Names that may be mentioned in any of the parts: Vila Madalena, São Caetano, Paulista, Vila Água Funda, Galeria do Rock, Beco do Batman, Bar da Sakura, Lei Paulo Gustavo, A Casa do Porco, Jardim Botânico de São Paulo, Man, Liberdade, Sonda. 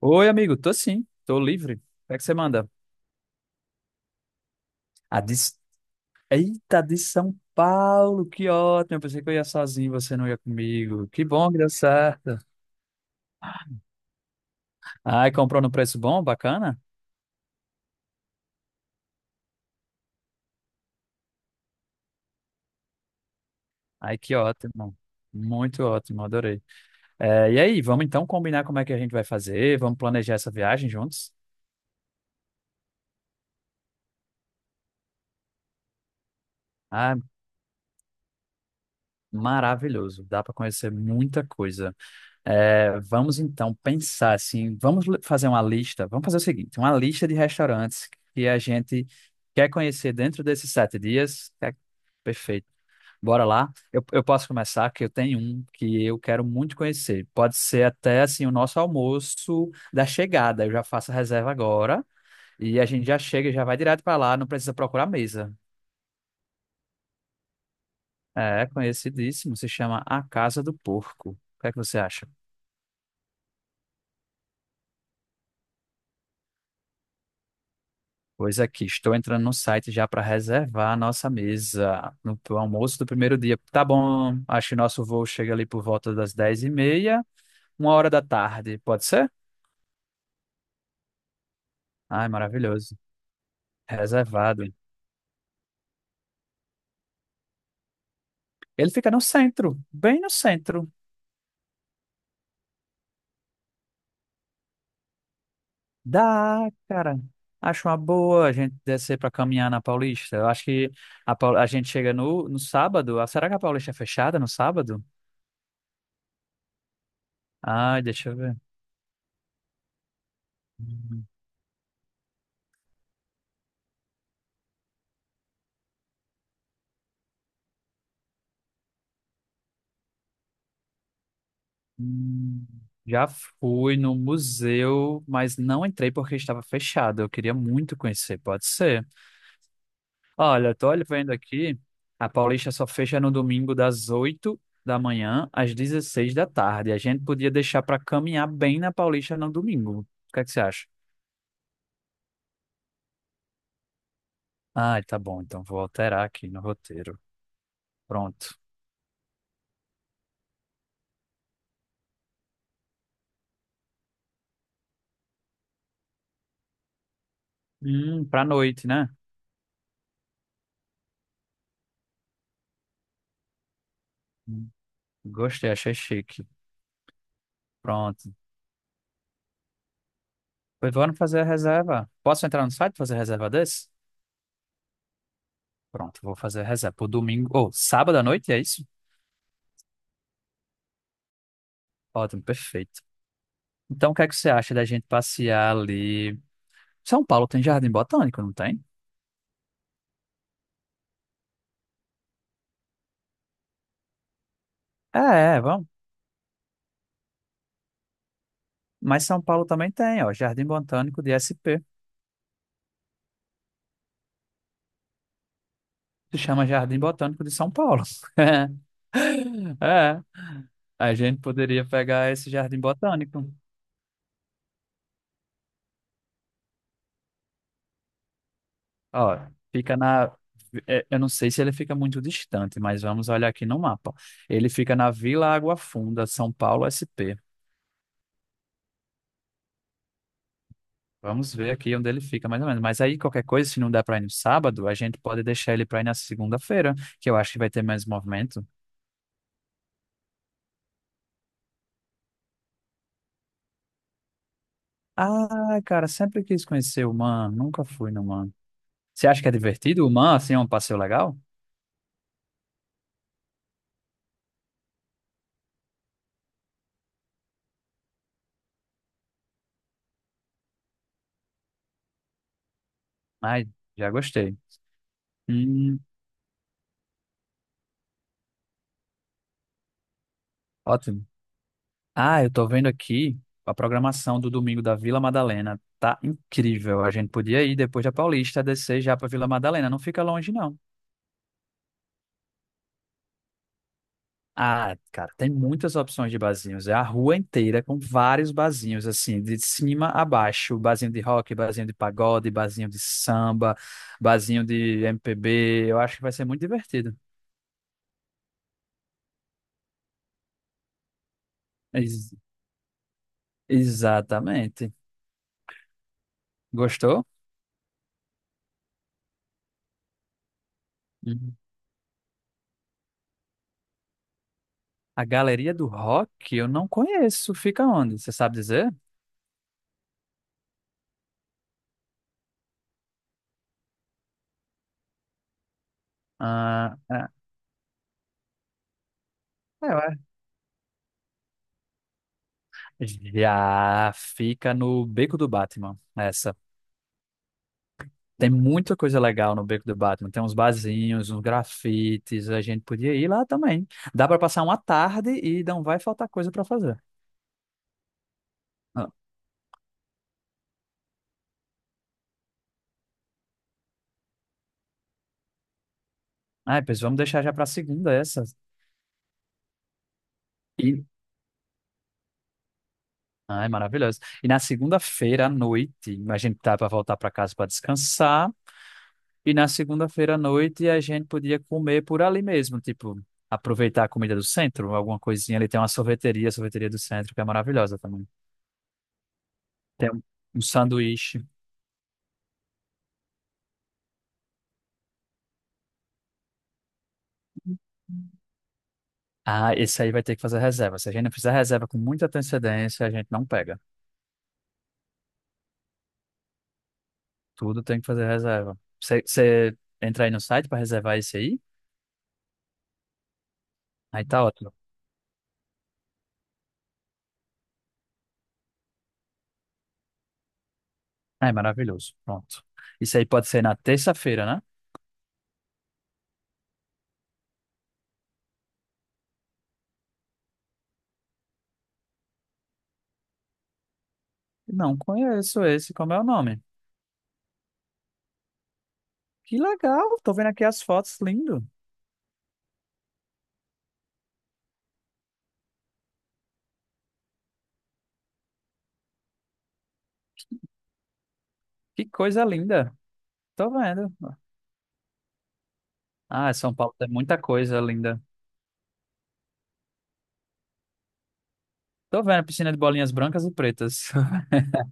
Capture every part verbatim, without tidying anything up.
Oi, amigo, tô sim, tô livre. O que é que você manda? Ah, de... S- Eita, de São Paulo, que ótimo. Eu pensei que eu ia sozinho, você não ia comigo. Que bom que deu certo. Ai, comprou no preço bom, bacana? Ai, que ótimo. Muito ótimo, adorei. É, e aí, vamos então combinar como é que a gente vai fazer? Vamos planejar essa viagem juntos? Ah, maravilhoso. Dá para conhecer muita coisa. É, vamos então pensar assim, vamos le- fazer uma lista, vamos fazer o seguinte, uma lista de restaurantes que a gente quer conhecer dentro desses sete dias. É, perfeito. Bora lá. Eu, eu posso começar, que eu tenho um que eu quero muito conhecer. Pode ser até assim o nosso almoço da chegada. Eu já faço a reserva agora e a gente já chega, e já vai direto para lá, não precisa procurar mesa. É conhecidíssimo, se chama A Casa do Porco. O que é que você acha? Pois aqui, estou entrando no site já para reservar a nossa mesa no pro almoço do primeiro dia. Tá bom, acho que nosso voo chega ali por volta das dez e meia, uma hora da tarde, pode ser? Ai, maravilhoso. Reservado. Ele fica no centro, bem no centro. Dá, cara. Acho uma boa a gente descer para caminhar na Paulista. Eu acho que a, Paul- a gente chega no, no sábado. Ah, será que a Paulista é fechada no sábado? Ai, deixa eu ver. Hum, Já fui no museu, mas não entrei porque estava fechado. Eu queria muito conhecer, pode ser. Olha, tô olhando vendo aqui, a Paulista só fecha no domingo das oito da manhã às dezesseis da tarde. A gente podia deixar para caminhar bem na Paulista no domingo. O que é que você acha? Ah, tá bom, então vou alterar aqui no roteiro. Pronto. Hum, pra noite, né? Hum, Gostei, achei chique. Pronto. Pois vamos fazer a reserva. Posso entrar no site e fazer reserva desse? Pronto, vou fazer a reserva. Pro domingo, ou sábado à noite, é isso? Ótimo, perfeito. Então, o que é que você acha da gente passear ali? São Paulo tem Jardim Botânico, não tem? É, é, vamos. Mas São Paulo também tem, ó, Jardim Botânico de S P. Se chama Jardim Botânico de São Paulo. É, a gente poderia pegar esse Jardim Botânico. Ó, fica na. É, eu não sei se ele fica muito distante, mas vamos olhar aqui no mapa. Ele fica na Vila Água Funda, São Paulo, S P. Vamos ver aqui onde ele fica, mais ou menos. Mas aí, qualquer coisa, se não der pra ir no sábado, a gente pode deixar ele pra ir na segunda-feira, que eu acho que vai ter mais movimento. Ah, cara, sempre quis conhecer o Man, nunca fui no Man. Você acha que é divertido o Man, assim, é um passeio legal? Ai, já gostei. Hum, Ótimo. Ah, eu tô vendo aqui a programação do domingo da Vila Madalena. Tá incrível. A gente podia ir depois da Paulista, descer já pra Vila Madalena. Não fica longe, não. Ah, cara, tem muitas opções de barzinhos. É a rua inteira com vários barzinhos, assim, de cima a baixo. Barzinho de rock, barzinho de pagode, barzinho de samba, barzinho de M P B. Eu acho que vai ser muito divertido. Ex- Exatamente. Gostou? Uhum. A Galeria do Rock eu não conheço. Fica onde? Você sabe dizer? Ah, ah, é, ué. Já fica no Beco do Batman. Essa. Tem muita coisa legal no Beco do Batman. Tem uns barzinhos, uns grafites. A gente podia ir lá também. Dá para passar uma tarde e não vai faltar coisa para fazer. Ah, ai, pois vamos deixar já para segunda essa. E... Ai, maravilhoso. E na segunda-feira à noite, a gente tá para voltar para casa para descansar. E na segunda-feira à noite a gente podia comer por ali mesmo, tipo, aproveitar a comida do centro, alguma coisinha ali. Tem uma sorveteria, a sorveteria do centro, que é maravilhosa também. Tem um um sanduíche. Ah, esse aí vai ter que fazer reserva. Se a gente não fizer reserva com muita antecedência, a gente não pega. Tudo tem que fazer reserva. Você você entra aí no site para reservar esse aí? Aí tá ótimo. É maravilhoso. Pronto. Isso aí pode ser na terça-feira, né? Não conheço esse. Como é o nome? Que legal. Tô vendo aqui as fotos. Lindo. Que coisa linda. Tô vendo. Ah, São Paulo tem muita coisa linda. Tô vendo a piscina de bolinhas brancas e pretas.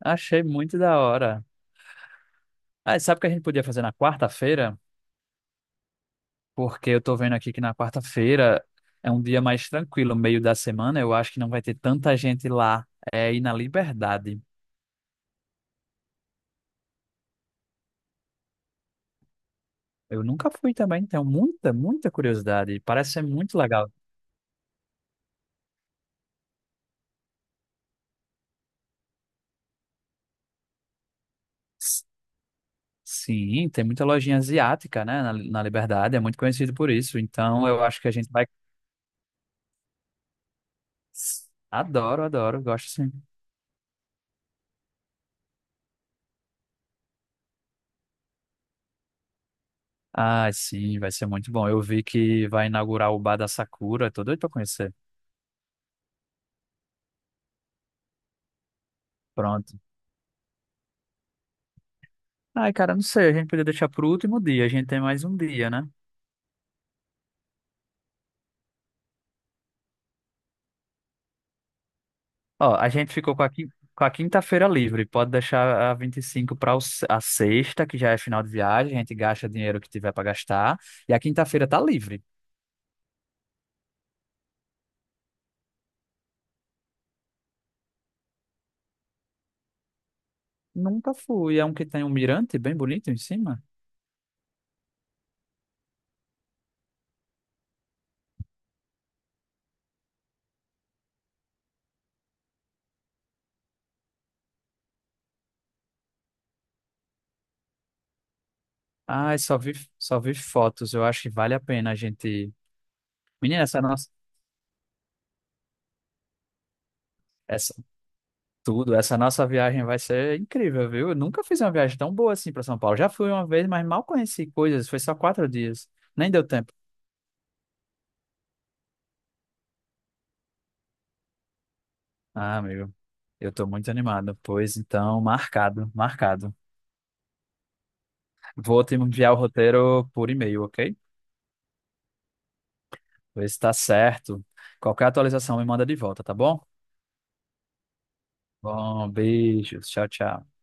Achei muito da hora. Ah, e sabe o que a gente podia fazer na quarta-feira? Porque eu tô vendo aqui que na quarta-feira é um dia mais tranquilo, meio da semana, eu acho que não vai ter tanta gente lá, é, e na Liberdade. Eu nunca fui também, então muita, muita curiosidade, parece ser muito legal. S- Sim, tem muita lojinha asiática, né, na, na Liberdade, é muito conhecido por isso, então eu acho que a gente vai... Adoro, adoro, gosto sim. Ah, sim, vai ser muito bom. Eu vi que vai inaugurar o Bar da Sakura, tô doido pra conhecer. Pronto. Ai, cara, não sei, a gente podia deixar pro último dia, a gente tem mais um dia, né? Ó, a gente ficou com a quin- com a quinta-feira livre. Pode deixar a vinte e cinco para a sexta, que já é final de viagem. A gente gasta dinheiro que tiver para gastar. E a quinta-feira tá livre. Nunca fui. É um que tem um mirante bem bonito em cima. Ai, só vi, só vi fotos. Eu acho que vale a pena a gente. Menina, essa nossa. Essa, tudo, essa nossa viagem vai ser incrível, viu? Eu nunca fiz uma viagem tão boa assim para São Paulo. Já fui uma vez, mas mal conheci coisas. Foi só quatro dias. Nem deu tempo. Ah, amigo, eu tô muito animado. Pois então, marcado, marcado. Vou te enviar o roteiro por e-mail, ok? Vê se tá certo. Qualquer atualização me manda de volta, tá bom? Bom, beijos. Tchau, tchau.